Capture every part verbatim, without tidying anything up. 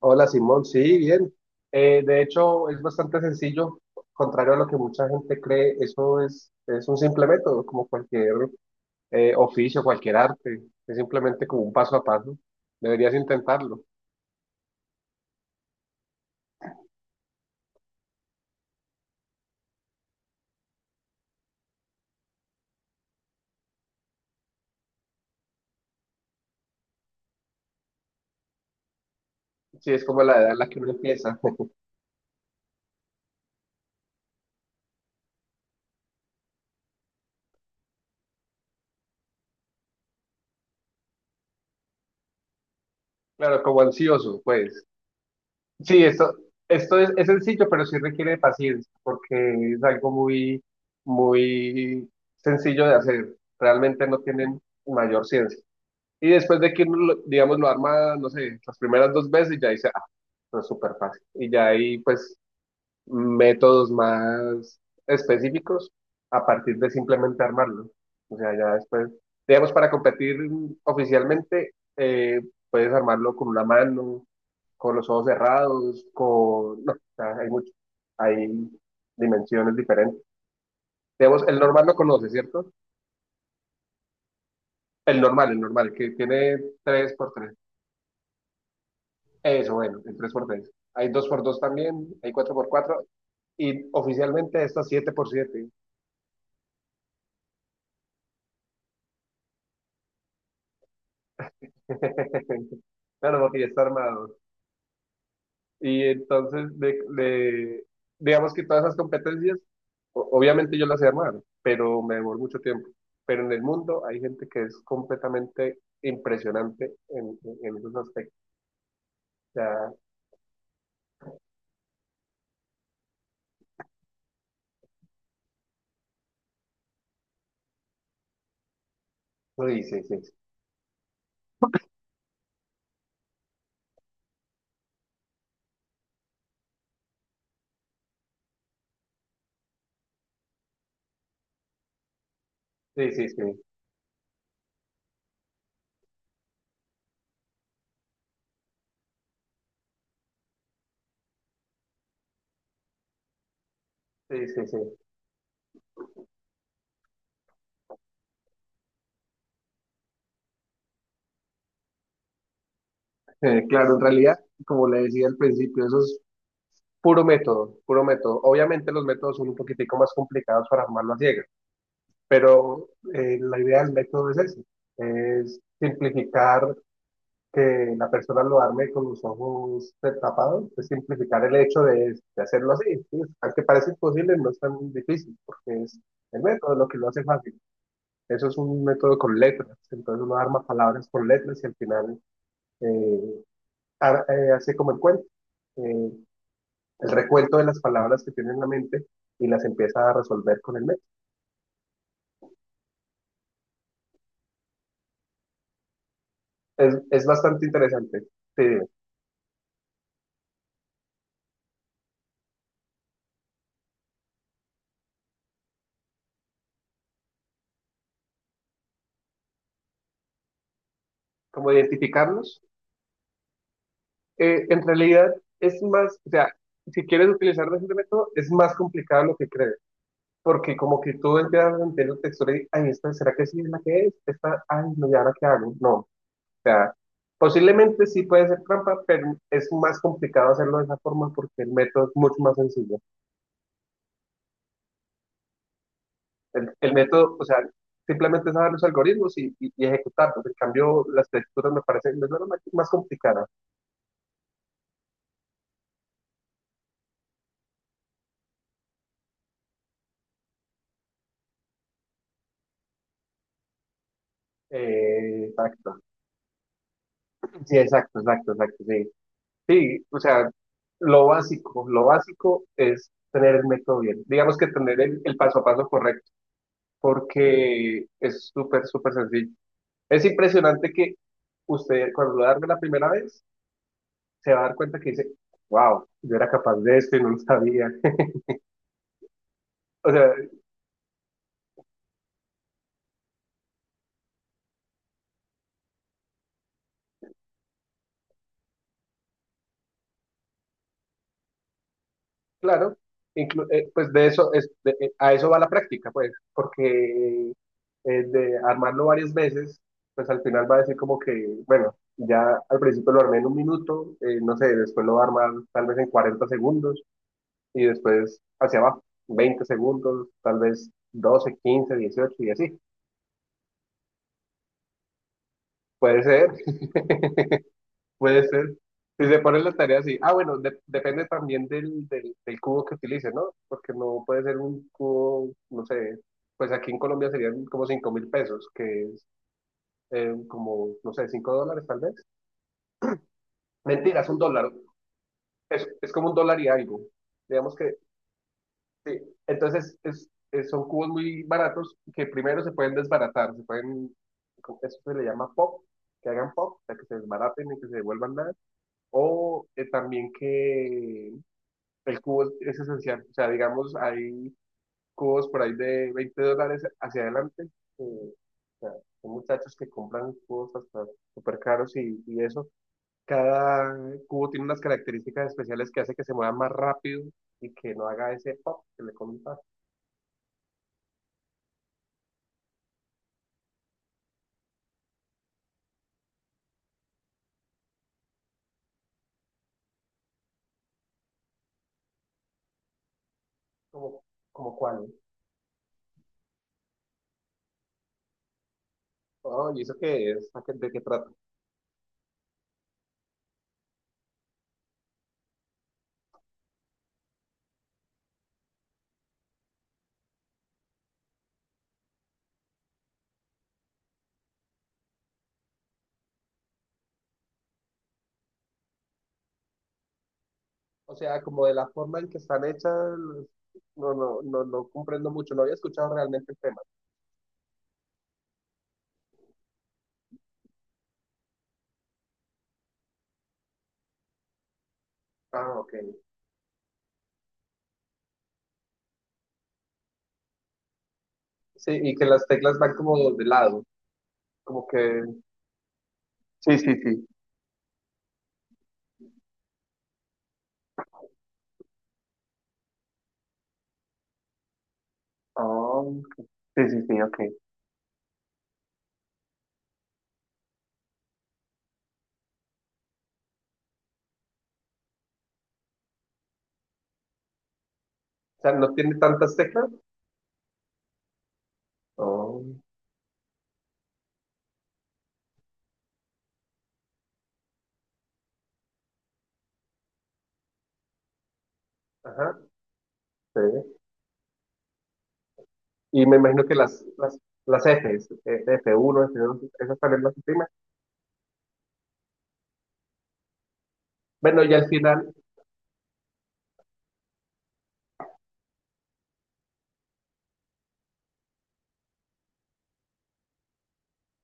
Hola Simón, sí, bien. Eh, de hecho, es bastante sencillo, contrario a lo que mucha gente cree, eso es, es un simple método, como cualquier eh, oficio, cualquier arte, es simplemente como un paso a paso. Deberías intentarlo. Sí, es como la edad en la que uno empieza. Claro, como ansioso, pues. Sí, esto, esto es, es sencillo, pero sí requiere de paciencia, porque es algo muy, muy sencillo de hacer. Realmente no tienen mayor ciencia. Y después de que uno, lo- digamos, lo arma, no sé, las primeras dos veces, ya dice, ah, no es súper fácil. Y ya hay, pues, métodos más específicos a partir de simplemente armarlo. O sea, ya después, digamos, para competir oficialmente, eh, puedes armarlo con una mano, con los ojos cerrados, con... No, o sea, hay mucho, hay dimensiones diferentes. Digamos, el normal lo conoce, ¿cierto? El normal, el normal, que tiene tres por tres. Eso, bueno, el tres por tres. Hay dos por dos también, hay cuatro por cuatro y oficialmente está siete por siete. Claro, porque ya está armado. Y entonces, de, de- digamos que todas esas competencias, o- obviamente yo las he armado, pero me demoró mucho tiempo. Pero en el mundo hay gente que es completamente impresionante en, en, en esos aspectos. Ya, uy, sí, sí, sí, sí, sí, sí, sí, sí, sí. Eh, claro, en realidad, como le decía al principio, esos puro método, puro método. Obviamente los métodos son un poquitico más complicados para armarlo a ciegas, pero eh, la idea del método es eso, es simplificar que la persona lo arme con los ojos tapados, es simplificar el hecho de, de hacerlo así. ¿Sí? Aunque parece imposible, no es tan difícil, porque es el método lo que lo hace fácil. Eso es un método con letras, entonces uno arma palabras con letras y al final eh, ar- eh, hace como el cuento. Eh, el recuento de las palabras que tiene en la mente y las empieza a resolver con el método. Es, es bastante interesante. eh, Como identificarlos. Eh, en realidad es más, o sea, si quieres utilizar ese método, es más complicado lo que crees, porque como que tú empiezas a entender la textura y, ay, esta, ¿será que sí es la que es? Esta, ay, no, ¿y ahora qué hago? No, o sea, posiblemente sí puede ser trampa, pero es más complicado hacerlo de esa forma porque el método es mucho más sencillo. El, el método, o sea, simplemente es saber los algoritmos y, y, y ejecutarlos. En cambio, las texturas me parecen me suenan más, más complicadas. Eh, exacto. Sí, exacto, exacto, exacto, sí. Sí, o sea, lo básico, lo básico es tener el método bien. Digamos que tener el, el paso a paso correcto, porque es súper, súper sencillo. Es impresionante que usted, cuando lo darme la primera vez, se va a dar cuenta que dice, wow, yo era capaz de esto y no lo sabía. O sea, claro, inclu- eh, pues de eso es, de- eh, a eso va la práctica, pues, porque eh, de armarlo varias veces, pues al final va a decir como que, bueno, ya al principio lo armé en un minuto, eh, no sé, después lo va a armar tal vez en cuarenta segundos y después hacia abajo, veinte segundos, tal vez doce, quince, dieciocho y así. Puede ser. Puede ser. Si se pone la tarea así. Ah, bueno, de- depende también del, del, del cubo que utilice, ¿no? Porque no puede ser un cubo, no sé, pues aquí en Colombia serían como cinco mil pesos, que es eh, como, no sé, cinco dólares tal vez. Mentiras, un dólar. Es, es como un dólar y algo. Digamos que, sí. Entonces, es, es- son cubos muy baratos que primero se pueden desbaratar, se pueden, como- eso se le llama pop, que hagan pop, o sea, que se desbaraten y que se devuelvan nada. O eh, también que el cubo es es esencial. O sea, digamos, hay cubos por ahí de veinte dólares hacia adelante. Eh, o sea, son muchachos que compran cubos hasta súper caros y, y, eso. Cada cubo tiene unas características especiales que hace que se mueva más rápido y que no haga ese pop que le comentas. Como, como cuál, ¿no? Oh, ¿y eso qué es? ¿A qué- ¿De qué trata? O sea, como de la forma en que están hechas, no, no, no, no comprendo mucho. No había escuchado realmente el tema. Ah, ok. Sí, y que las teclas van como de lado. Como que, sí, sí, sí. Oh, ok. Sí, sí, sí, ok. O sea, no tiene tantas teclas. Oh, ajá, sí. Y me imagino que las, las, las Fs, eh, f uno f dos esas también las imprime. Bueno, y al final.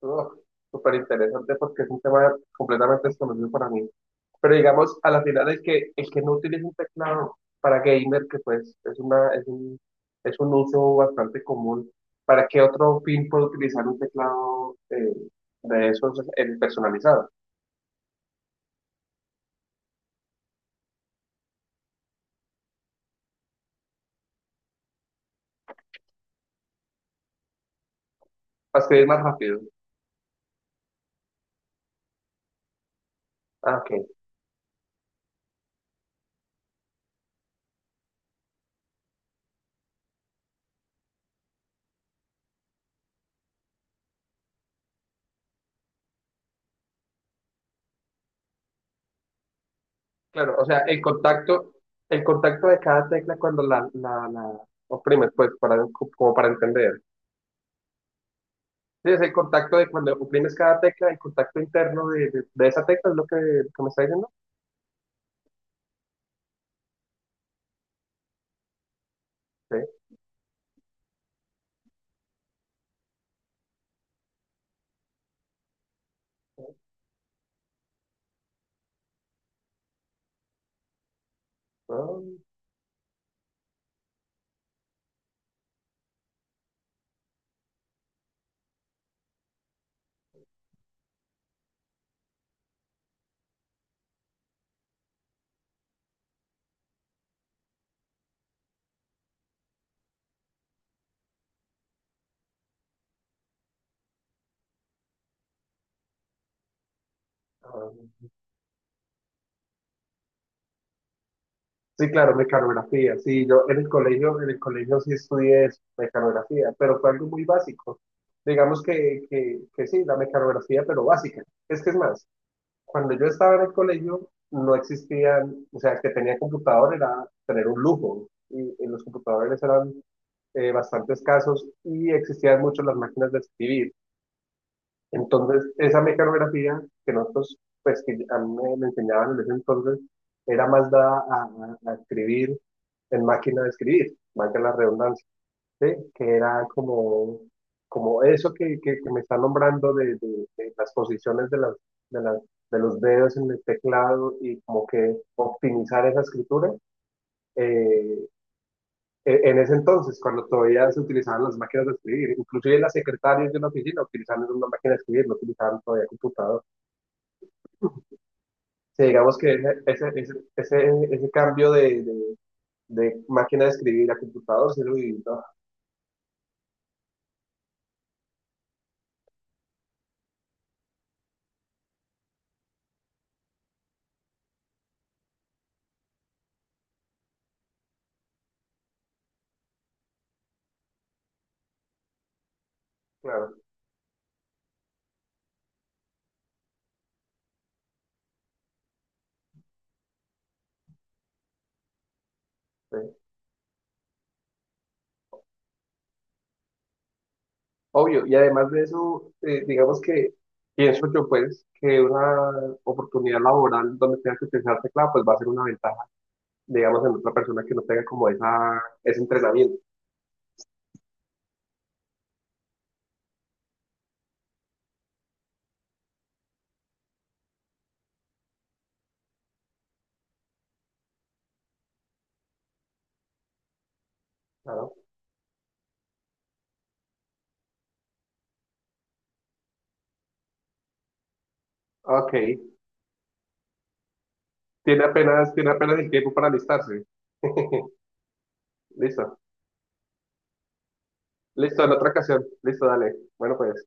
Oh, súper interesante porque es un tema completamente desconocido para mí. Pero digamos, a la final el que, el que no utiliza un teclado para gamer, que pues es una, es un, es un uso bastante común, ¿para qué otro fin puede utilizar un teclado eh, de esos eh, personalizados? Para escribir más rápido. Ah, ok. Claro, o sea, el contacto, el contacto de cada tecla cuando la, la, la oprimes, pues, para, como para entender. Sí, es el contacto de cuando oprimes cada tecla, el contacto interno de, de- de esa tecla, es lo que, que me está diciendo. Sí. Ah, ah. Sí, claro, mecanografía. Sí, yo en el colegio, en el colegio sí estudié eso, mecanografía, pero fue algo muy básico. Digamos que, que, que sí, la mecanografía, pero básica. Es que es más, cuando yo estaba en el colegio no existían, o sea, el que tenía computador era tener un lujo y, y, los computadores eran eh, bastante escasos y existían mucho las máquinas de escribir. Entonces, esa mecanografía que nosotros, pues que a mí me, me enseñaban en ese entonces, era más dada a, a- a escribir en máquina de escribir, valga la redundancia, ¿sí? Que era como, como eso que, que, que me está nombrando de, de- de las posiciones de, las, de, las, de los dedos en el teclado y como que optimizar esa escritura. eh, en en ese entonces, cuando todavía se utilizaban las máquinas de escribir, inclusive las secretarias de una oficina utilizaban una máquina de escribir, no utilizaban todavía computador. O sea, digamos que ese, ese, ese, ese, ese cambio de, de, de máquina de escribir a computador se lo vivió, ¿no? Claro, sí. Obvio. Y además de eso, eh, digamos que pienso yo, pues, que una oportunidad laboral donde tenga que utilizar teclado, pues va a ser una ventaja, digamos, en otra persona que no tenga como esa, ese entrenamiento, claro. Ok. Tiene apenas, tiene apenas el tiempo para alistarse. Listo. Listo, en otra ocasión. Listo, dale. Bueno, pues.